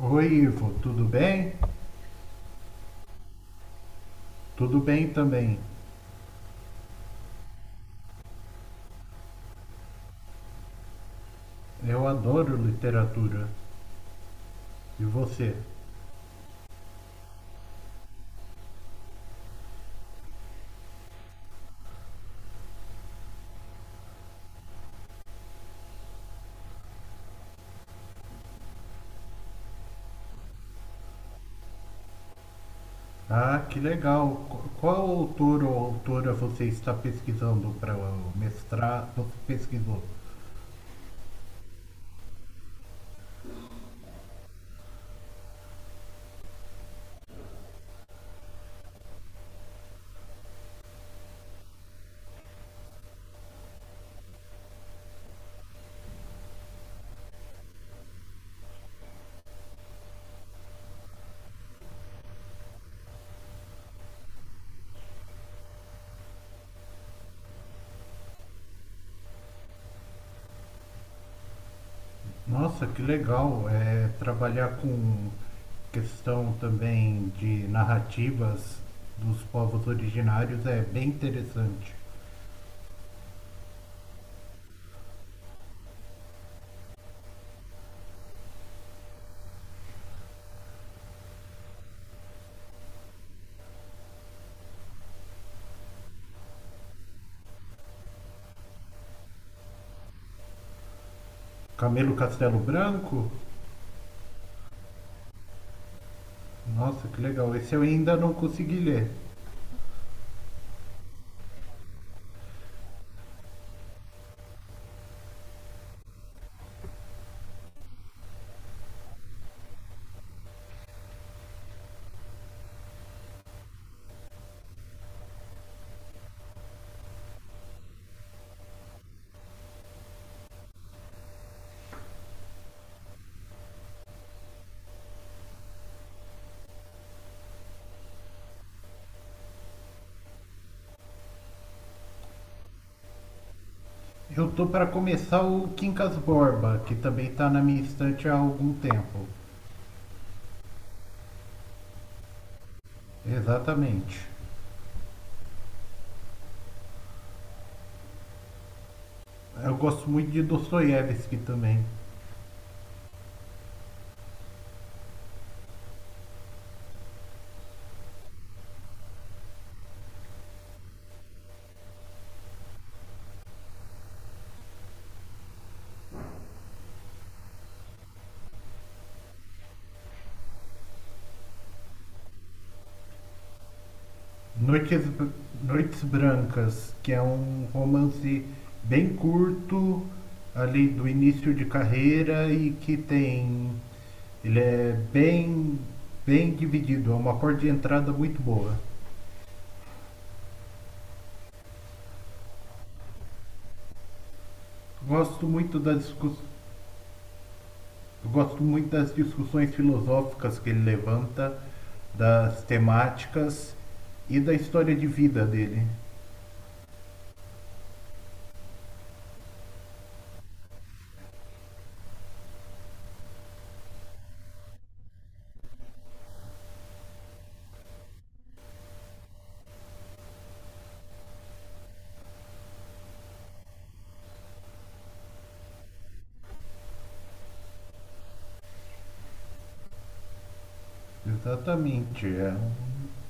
Oi, Ivo, tudo bem? Tudo bem também. Eu adoro literatura. E você? Ah, que legal. Qual autor ou autora você está pesquisando para o mestrado? Você pesquisou? Nossa, que legal. É, trabalhar com questão também de narrativas dos povos originários é bem interessante. Camilo Castelo Branco? Nossa, que legal. Esse eu ainda não consegui ler. Eu tô para começar o Quincas Borba, que também tá na minha estante há algum tempo. Exatamente. Eu gosto muito de Dostoiévski também. Noites, Br- Noites Brancas, que é um romance bem curto, ali do início de carreira e que tem. Ele é bem, bem dividido, é uma porta de entrada muito boa. Gosto muito da discussão Eu gosto muito das discussões filosóficas que ele levanta, das temáticas e da história de vida dele. Exatamente, é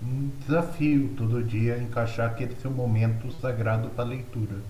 um desafio todo dia encaixar aquele seu momento sagrado para leitura.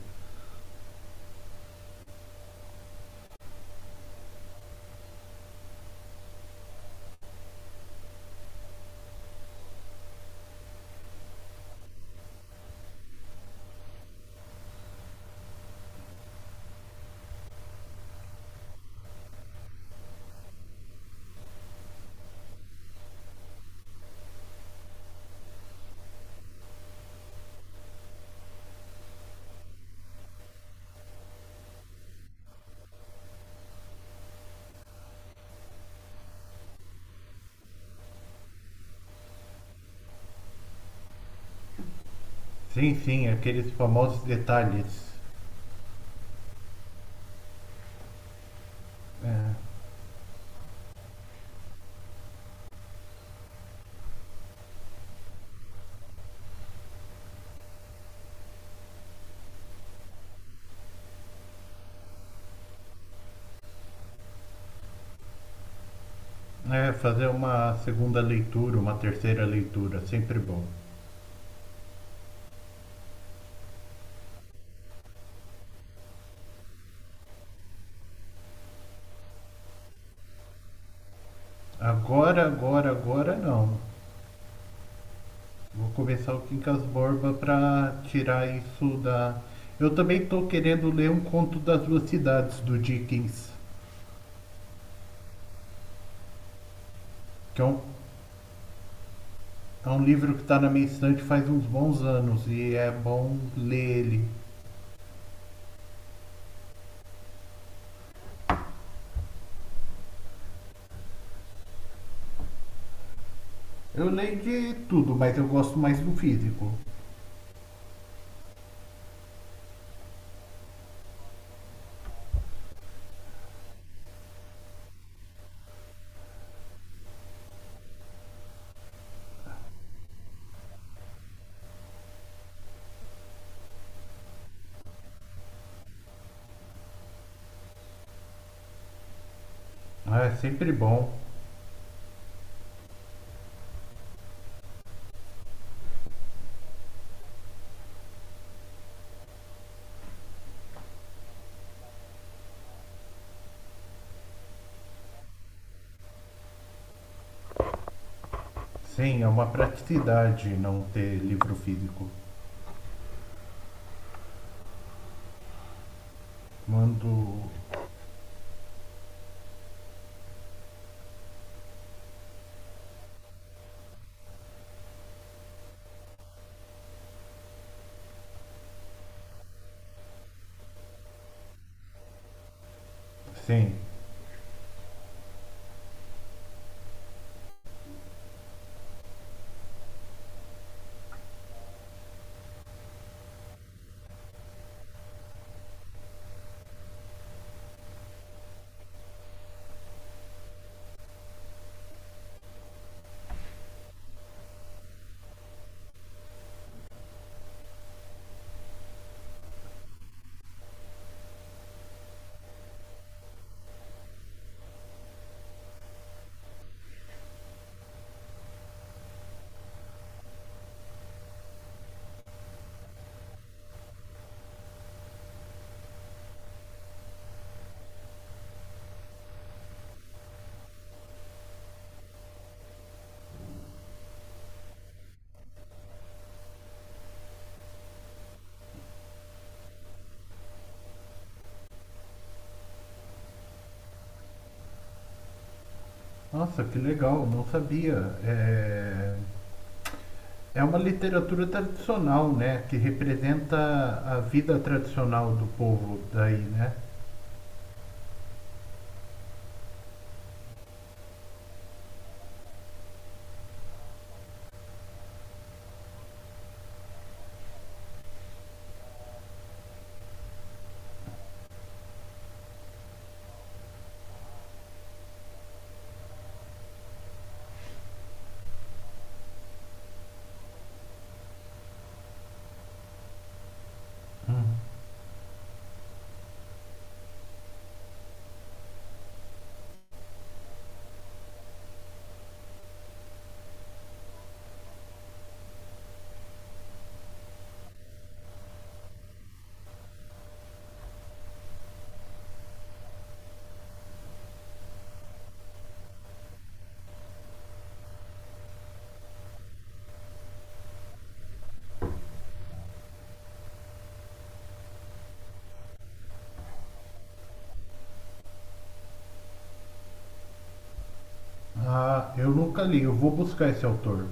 Sim, sim, aqueles famosos detalhes. É, fazer uma segunda leitura, uma terceira leitura, sempre bom. Agora, agora, agora não. Vou começar o Quincas Borba para tirar isso da. Eu também estou querendo ler um conto das duas cidades do Dickens, que é um livro que está na minha estante faz uns bons anos e é bom ler ele. Eu leio de tudo, mas eu gosto mais do físico. Ah, é sempre bom. Sim, é uma praticidade não ter livro físico. Mando. Sim. Nossa, que legal, não sabia. É... É uma literatura tradicional, né? Que representa a vida tradicional do povo daí, né? Uhum. Ah, eu nunca li, eu vou buscar esse autor.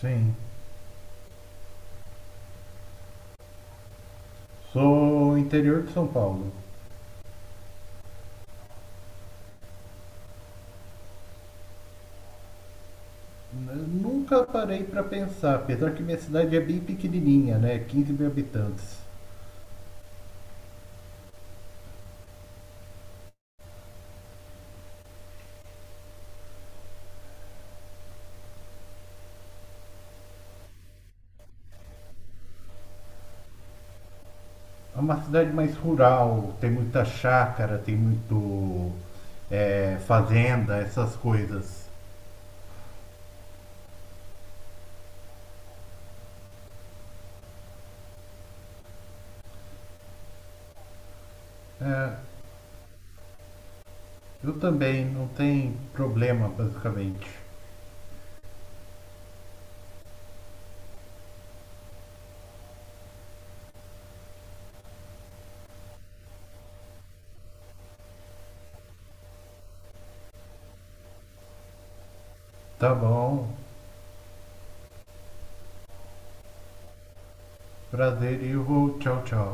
Sim. Sou interior de São Paulo. Nunca parei para pensar, apesar que minha cidade é bem pequenininha, né? 15.000 habitantes. É uma cidade mais rural, tem muita chácara, tem muito fazenda, essas coisas. É, eu também, não tem problema, basicamente. Tá bom. Prazer e eu vou. Tchau, tchau.